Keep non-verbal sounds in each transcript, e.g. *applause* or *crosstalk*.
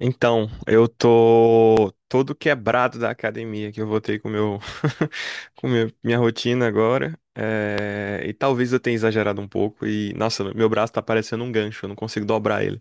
Então, eu tô todo quebrado da academia que eu voltei com meu *laughs* com meu- minha rotina agora. E talvez eu tenha exagerado um pouco e nossa, meu braço tá parecendo um gancho, eu não consigo dobrar ele.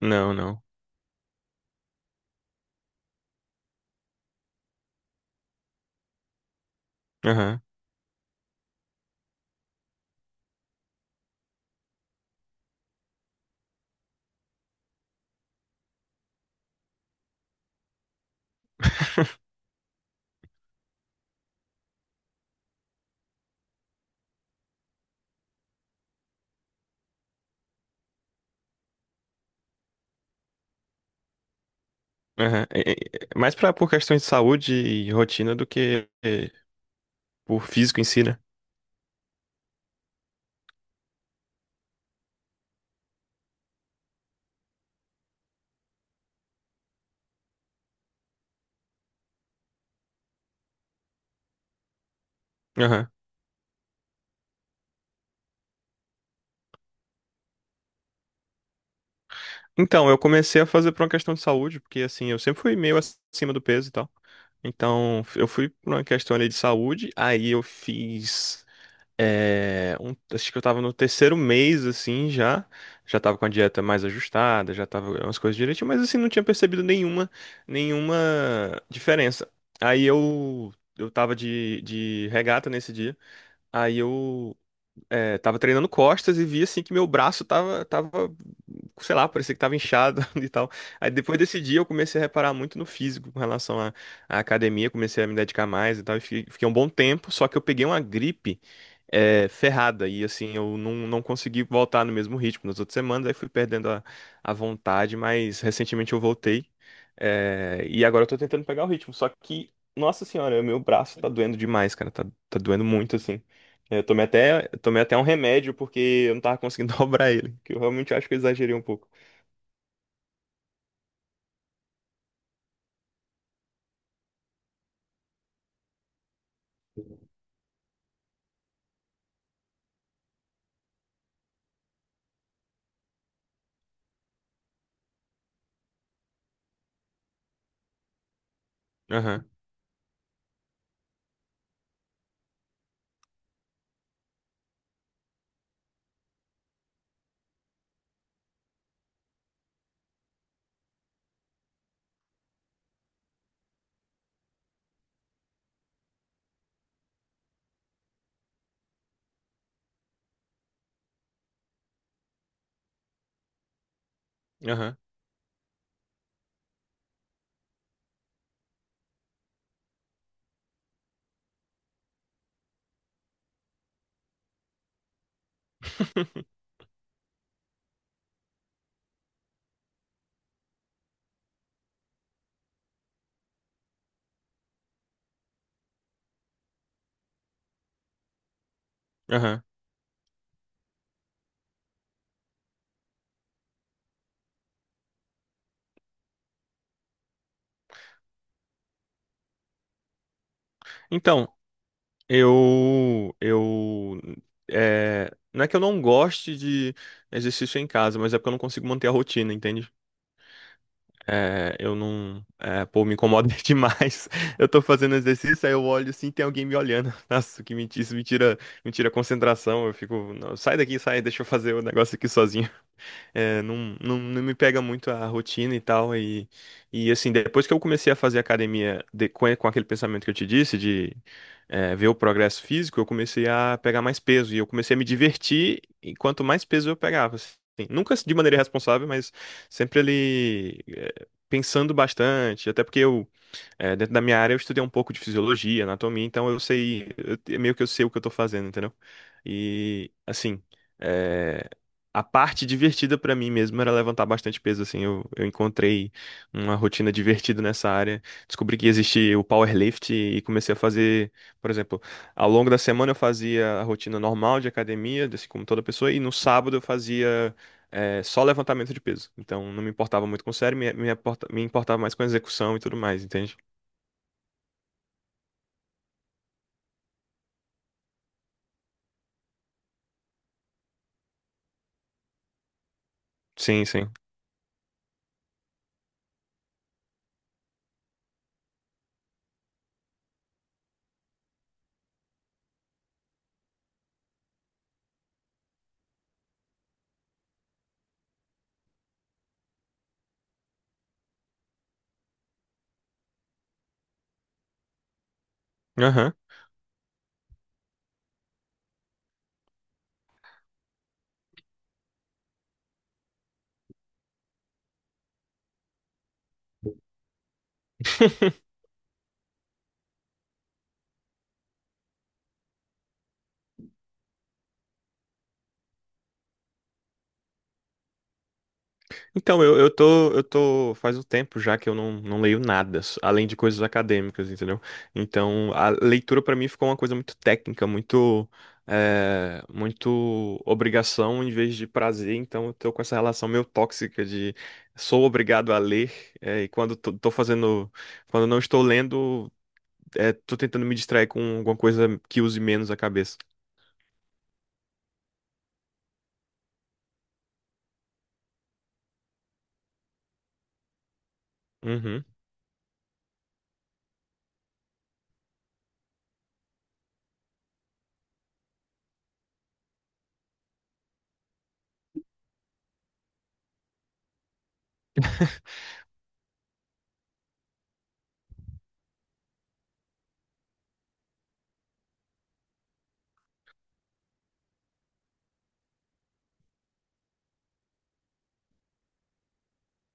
Não, não. Aham. *laughs* Aham. Mais pra, por questões de saúde e rotina do que por físico em si, né? Aham. Então, eu comecei a fazer por uma questão de saúde, porque assim, eu sempre fui meio acima do peso e tal. Então, eu fui por uma questão ali de saúde, aí eu fiz. Acho que eu tava no terceiro mês, assim, já. Já tava com a dieta mais ajustada, já tava umas coisas direitinho, mas assim, não tinha percebido nenhuma diferença. Aí eu tava de regata nesse dia. Aí eu tava treinando costas e vi assim que meu braço tava, sei lá, parecia que tava inchado *laughs* e tal. Aí depois desse dia eu comecei a reparar muito no físico com relação à academia, comecei a me dedicar mais e tal. E fiquei um bom tempo, só que eu peguei uma gripe ferrada e assim eu não consegui voltar no mesmo ritmo nas outras semanas, aí fui perdendo a vontade, mas recentemente eu voltei. E agora eu tô tentando pegar o ritmo, só que, nossa senhora, meu braço tá doendo demais, cara, tá doendo muito assim. Eu tomei até um remédio porque eu não tava conseguindo *laughs* dobrar ele, que eu realmente acho que eu exagerei um pouco. Aham, aham. *laughs* Aham. Então, eu não é que eu não goste de exercício em casa, mas é porque eu não consigo manter a rotina, entende? É, eu não, é, Pô, me incomoda *laughs* demais. Eu tô fazendo exercício, aí eu olho assim, tem alguém me olhando. *laughs* Nossa, que mentira, isso me tira a concentração. Eu fico, "Não, sai daqui, sai, deixa eu fazer o negócio aqui sozinho." Não me pega muito a rotina e tal. E assim, depois que eu comecei a fazer academia com aquele pensamento que eu te disse, de ver o progresso físico, eu comecei a pegar mais peso. E eu comecei a me divertir e quanto mais peso eu pegava, assim. Nunca de maneira irresponsável, mas sempre ali pensando bastante. Até porque eu, dentro da minha área, eu estudei um pouco de fisiologia, anatomia, então eu sei, meio que eu sei o que eu tô fazendo, entendeu? E, assim, é, a parte divertida pra mim mesmo era levantar bastante peso, assim. Eu encontrei uma rotina divertida nessa área, descobri que existe o powerlift e comecei a fazer, por exemplo, ao longo da semana eu fazia a rotina normal de academia, assim como toda pessoa, e no sábado eu fazia só levantamento de peso. Então, não me importava muito com o sério, me importava mais com a execução e tudo mais, entende? Sim, sim. Aham. *laughs* Então, eu tô, faz um tempo já que eu não leio nada, além de coisas acadêmicas, entendeu? Então, a leitura pra mim ficou uma coisa muito técnica, muito obrigação em vez de prazer. Então, eu tô com essa relação meio tóxica de sou obrigado a ler, e quando tô fazendo, quando não estou lendo, tô tentando me distrair com alguma coisa que use menos a cabeça. Uhum.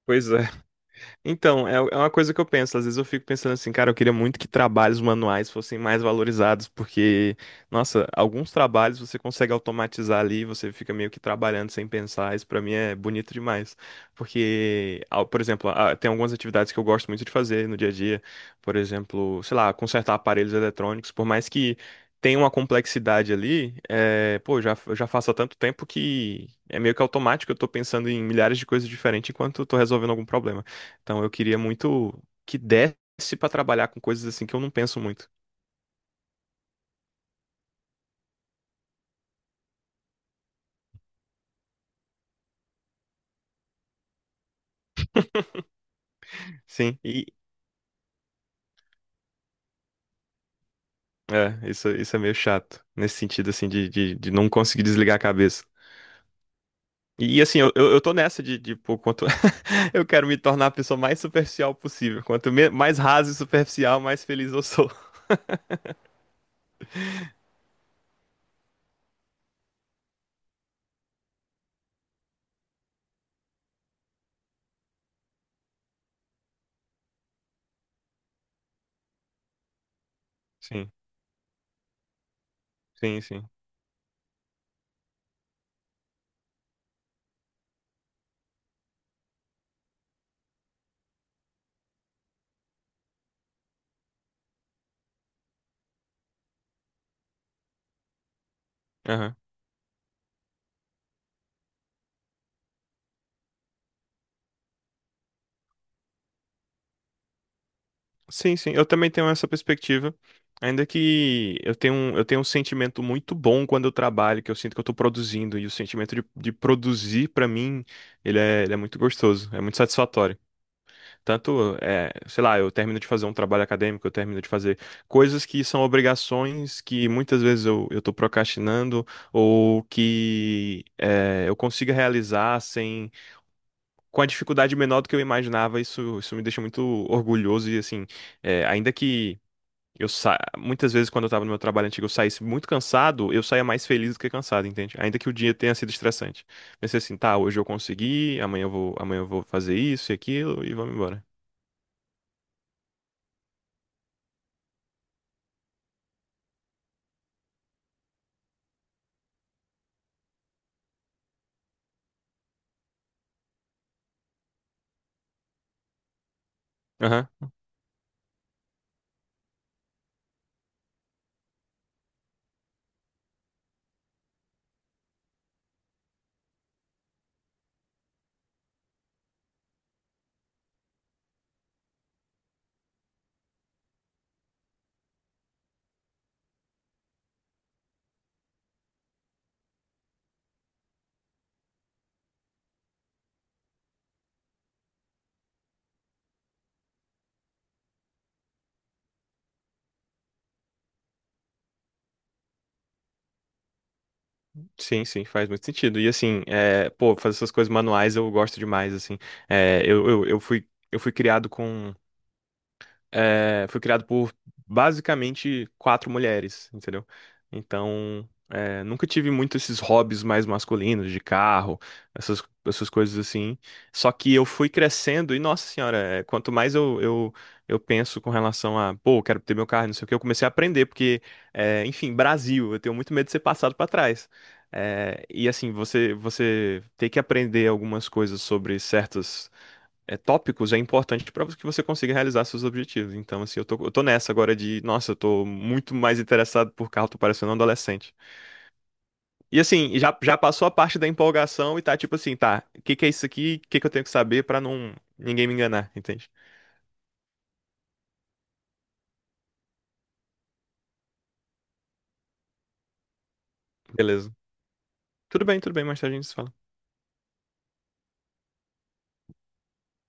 Pois é. Então, é é uma coisa que eu penso. Às vezes eu fico pensando assim, cara, eu queria muito que trabalhos manuais fossem mais valorizados, porque, nossa, alguns trabalhos você consegue automatizar ali, você fica meio que trabalhando sem pensar. Isso pra mim é bonito demais. Porque, por exemplo, ah, tem algumas atividades que eu gosto muito de fazer no dia a dia. Por exemplo, sei lá, consertar aparelhos eletrônicos, por mais que tenha uma complexidade ali, eu já faço há tanto tempo que é meio que automático, eu tô pensando em milhares de coisas diferentes enquanto eu tô resolvendo algum problema. Então eu queria muito que desse pra trabalhar com coisas assim que eu não penso muito. Sim, e isso é meio chato, nesse sentido assim de não conseguir desligar a cabeça. E, assim, eu tô nessa de pô, quanto *laughs* eu quero me tornar a pessoa mais superficial possível. Quanto mais raso e superficial, mais feliz eu sou. Sim, sim, sim. Aham. Sim, sim, eu também tenho essa perspectiva. Ainda que eu tenho um sentimento muito bom quando eu trabalho, que eu sinto que eu estou produzindo, e o sentimento de produzir, para mim, ele é muito gostoso, é muito satisfatório. Tanto, é, sei lá, eu termino de fazer um trabalho acadêmico, eu termino de fazer coisas que são obrigações que muitas vezes eu estou procrastinando, ou que é, eu consiga realizar sem, com a dificuldade menor do que eu imaginava, isso me deixa muito orgulhoso, e assim, é, ainda que. Eu Muitas vezes, quando eu tava no meu trabalho antigo, eu saísse muito cansado, eu saía mais feliz do que cansado, entende? Ainda que o dia tenha sido estressante. Pensei assim, tá, hoje eu consegui, amanhã eu vou fazer isso e aquilo e vamos embora. Aham. Sim, sim, faz muito sentido. E assim, é, pô, fazer essas coisas manuais eu gosto demais, assim. Eu fui criado com foi criado por basicamente quatro mulheres, entendeu? Então, é, nunca tive muito esses hobbies mais masculinos, de carro, essas coisas assim. Só que eu fui crescendo e, nossa senhora, é, quanto mais eu penso com relação a, pô, quero ter meu carro, não sei o que, eu comecei a aprender, porque, enfim, Brasil, eu tenho muito medo de ser passado para trás. E assim, você tem que aprender algumas coisas sobre certas tópicos é importante para que você consiga realizar seus objetivos. Então, assim, eu tô nessa agora de, nossa, eu tô muito mais interessado por carro, tô parecendo um adolescente. E assim, já passou a parte da empolgação e tá tipo assim, tá, o que que é isso aqui? O que que eu tenho que saber para não ninguém me enganar, entende? Beleza. Tudo bem, mais tarde a gente se fala.